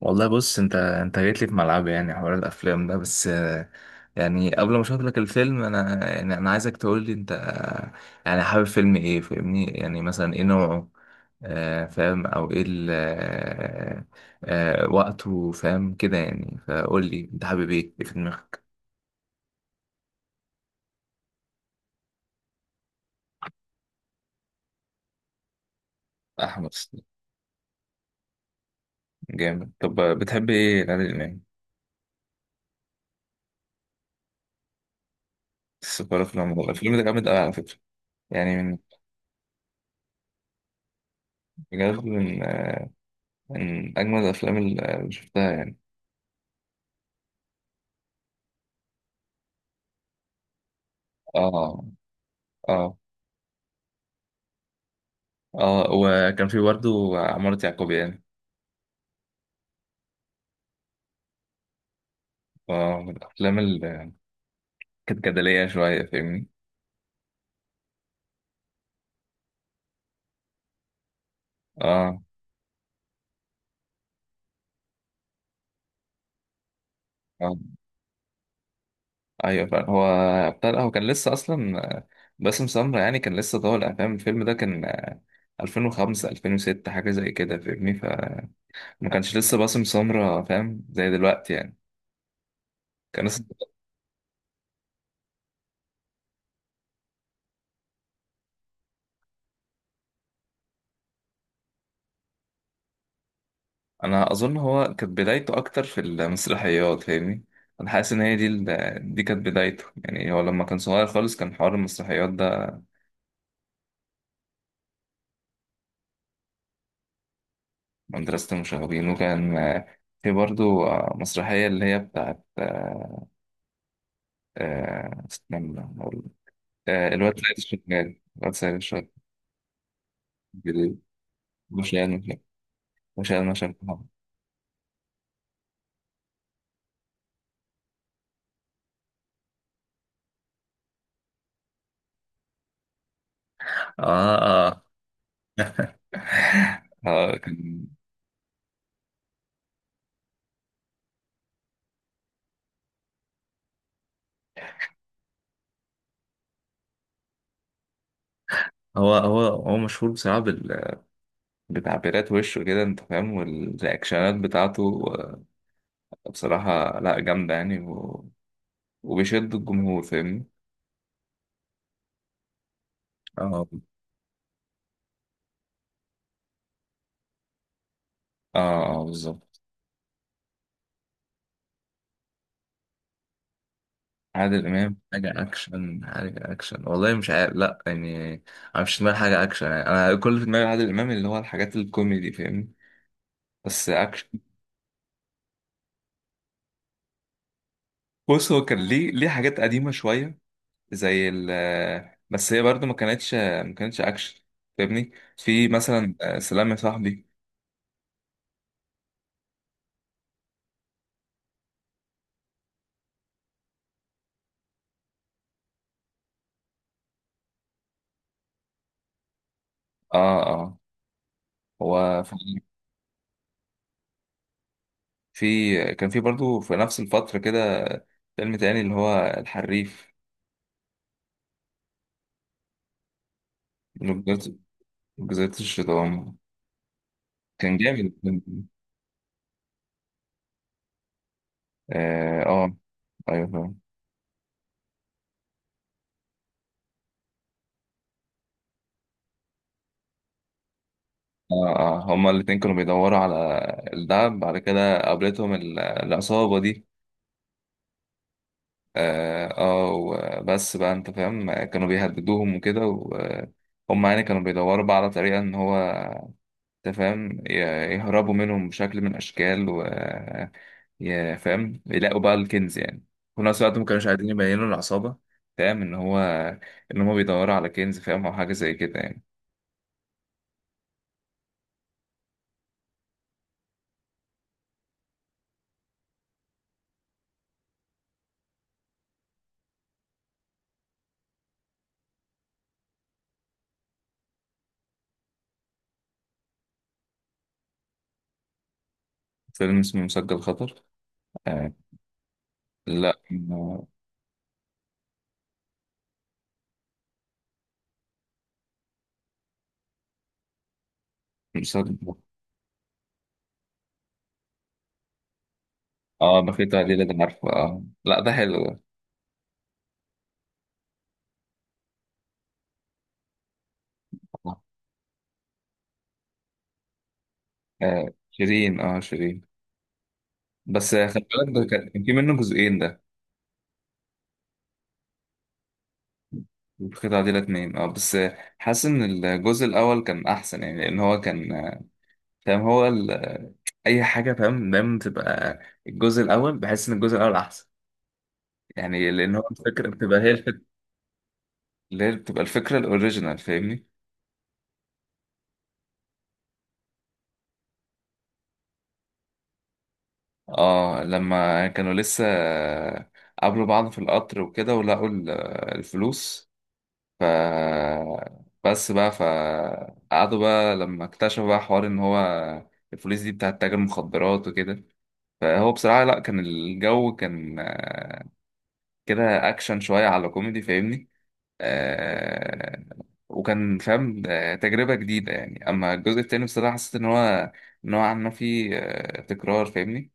والله بص انت جيت لي في ملعبي، يعني حوار الافلام ده بس يعني قبل ما اشوف لك الفيلم انا عايزك تقول لي انت يعني حابب فيلم ايه فاهمني، يعني مثلا ايه نوعه؟ فاهم او ايه وقته فاهم كده، يعني فقول لي انت حابب ايه في دماغك؟ احمد حسني. جامد. طب بتحب ايه العادل امام؟ السفارة في العمر، الفيلم ده جامد قوي على فكرة. يعني من... بجد من اجمل الافلام اللي شفتها يعني. اه، اه، اه. وكان في برضه عمارة يعقوبيان. اه، من الأفلام اللي كانت جدلية شوية، فاهمني. اه، اه. أيوة، فعلا. هو هو كان لسه أصلا باسم سمرة، يعني كان لسه طالع فاهم. الفيلم ده كان 2005، 2006، حاجة زي كده فاهمني. فما كانش لسه باسم سمرة فاهم زي دلوقتي يعني. كان لسه... أنا أظن هو كانت بدايته أكتر في المسرحيات، فاهمني. أنا حاسس إن هي دي دي كانت بدايته. يعني هو لما كان صغير خالص كان حوار المسرحيات. مدرسة المشاغبين. وكان في برضو مسرحية اللي هي بتاعت استنى أقول. الواد سيد الشغال. الجديد، مش يعني مش يعني مش يعني. اه، اه. اه. كان... هو مشهور بصراحة بتعبيرات وشه كده، انت فاهم، والرياكشنات بتاعته بصراحة لا، جامدة يعني وبيشد الجمهور، فاهمني. اه، اه، اه، بالظبط. عادل امام؟ حاجه اكشن، حاجه اكشن؟ والله مش عارف، لا يعني. انا مش في دماغي حاجه اكشن، يعني انا كل اللي في دماغي عادل امام اللي هو الحاجات الكوميدي، فاهمني. بس اكشن... بص، هو كان ليه حاجات قديمه شويه، زي ال... بس هي برضو ما كانتش اكشن، فاهمني. في مثلا سلام يا صاحبي. اه، اه. هو في... كان في برضو في نفس الفتره كده، فيلم تاني اللي هو الحريف. جزيرة... جزيرة الشيطان. كان جامد. اه، ايوه، فاهم. اه، اه، هما الاتنين كانوا بيدوروا على الدهب. بعد كده قابلتهم العصابة دي. اه، وبس بقى، انت فاهم، كانوا بيهددوهم وكده. وهم يعني كانوا بيدوروا بقى على طريقة ان هو، انت فاهم، يهربوا منهم بشكل من الاشكال، و فاهم، يلاقوا بقى الكنز يعني، في نفس الوقت ما كانوش عايزين يبينوا العصابة، فاهم، ان هو ان هما بيدوروا على كنز، فاهم، او حاجة زي كده يعني. فيلم اسمه مسجل خطر؟ آه، لا، مصدق؟ اه، بخيت قليلة ده عارفه. اه، لا، ده حلو. ده... شيرين، اه شيرين. بس خلي بالك، ده كان في منه جزئين ده. بخيت عديلة اتنين، اه. بس حاسس ان الجزء الاول كان احسن، يعني لان هو كان فاهم هو اي حاجة، فاهم، دايما تبقى الجزء الاول. بحس ان الجزء الاول احسن، يعني لان هو الفكرة بتبقى هي الفكرة اللي هي بتبقى الفكرة الاوريجينال، فاهمني. اه، لما كانوا لسه قابلوا بعض في القطر وكده ولقوا الفلوس. ف... بس بقى فقعدوا بقى لما اكتشفوا بقى حوار ان هو الفلوس دي بتاعت تاجر مخدرات وكده. فهو بصراحة لا، كان الجو كان كده اكشن شوية على كوميدي، فاهمني. آه، وكان فاهم تجربة جديدة يعني. اما الجزء التاني بصراحة حسيت ان هو نوعا ما فيه تكرار، فاهمني.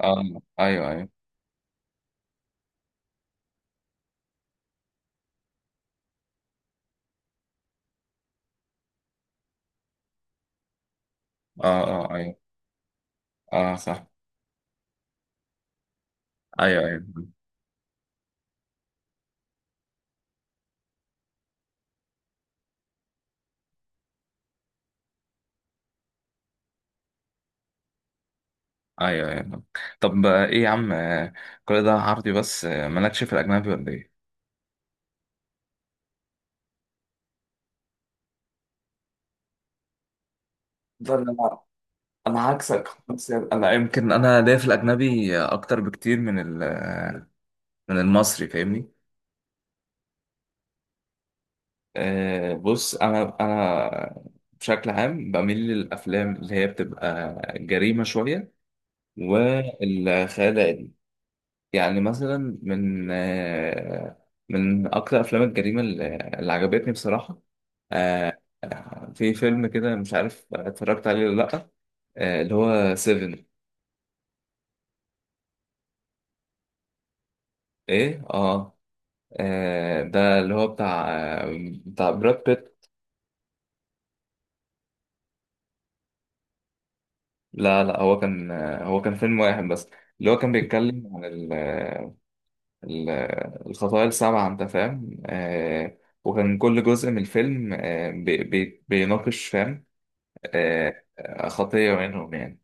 اه، ايوه، ايوه. اه، اه، ايوه. اه، صح. ايوه، ايوه، ايوه، ايوه. طب ايه يا عم كل ده عربي، بس مالكش في الاجنبي ولا ايه؟ ده انا... انا عكسك، بس يعني انا ليا في الاجنبي اكتر بكتير من من المصري، فاهمني. بص، انا بشكل عام بميل للافلام اللي هي بتبقى جريمه شويه والخيال العلمي. يعني مثلا من من اكتر افلام الجريمه اللي عجبتني بصراحه، في فيلم كده مش عارف اتفرجت عليه ولا لأ؟ اللي هو سيفن. ايه، اه. ده اللي هو بتاع آه، بتاع براد بيت. لا، لا، هو كان فيلم واحد بس اللي هو كان بيتكلم عن الخطايا السبعة، انت فاهم. وكان كل جزء من الفيلم آه بي بي بيناقش، فاهم، خطية منهم يعني.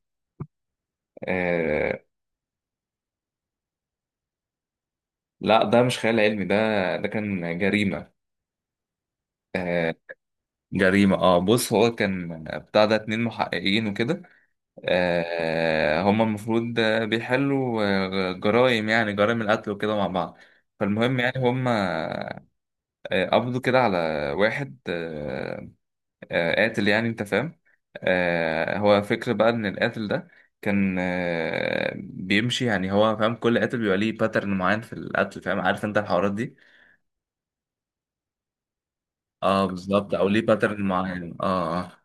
آه لا، ده مش خيال علمي ده، ده كان جريمة. آه، جريمة، اه. بص، هو كان بتاع ده اتنين محققين وكده. هما المفروض بيحلوا جرائم، يعني جرائم القتل وكده مع بعض. فالمهم يعني هما قبضوا كده على واحد قاتل يعني، انت فاهم. هو فكر بقى ان القاتل ده كان بيمشي، يعني هو فاهم كل قاتل بيبقى ليه باترن معين في القتل، فاهم، عارف انت الحوارات دي. اه، بالظبط، او ليه باترن معين، اه. آه.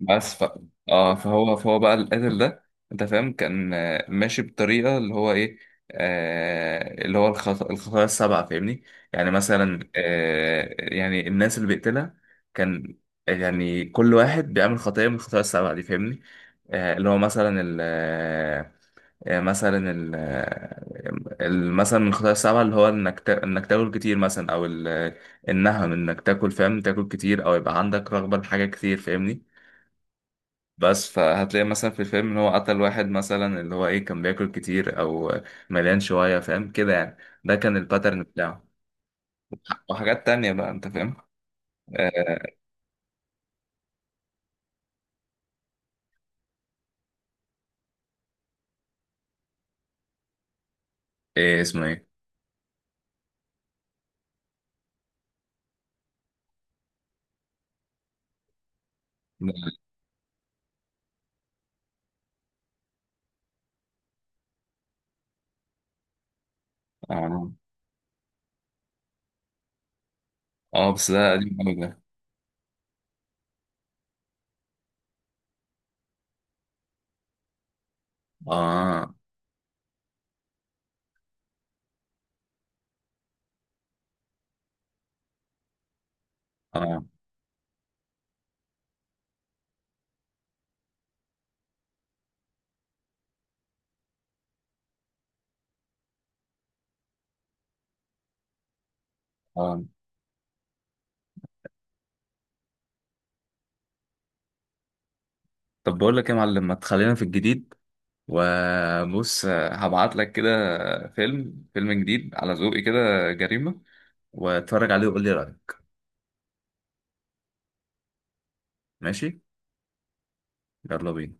بس اه، فهو بقى القاتل ده، انت فاهم، كان ماشي بطريقه اللي هو ايه، اللي هو الخطايا السبعه، فاهمني. يعني مثلا يعني الناس اللي بيقتلها، كان يعني كل واحد بيعمل خطيه من الخطايا السبعه دي، فاهمني. اللي هو مثلا ال آه، مثلا مثلا من الخطايا السبعة اللي هو انك تاكل كتير مثلا، او النهم، انك تاكل، فاهم، تاكل كتير، او يبقى عندك رغبة لحاجة كتير، فاهمني. بس، فهتلاقي مثلا في الفيلم ان هو قتل واحد مثلا اللي هو ايه، كان بياكل كتير او مليان شوية، فاهم كده يعني. ده كان الباترن بتاعه، وحاجات تانية بقى، انت فاهم. آه ايه اسمه ايه؟ اه، بس ده قديم قوي ده. اه، اه، اه. طب بقول لك ايه يا معلم، ما تخلينا في الجديد، وبص هبعت لك كده فيلم جديد على ذوقي كده، جريمة، واتفرج عليه وقول لي رأيك. ماشي. يلا بينا.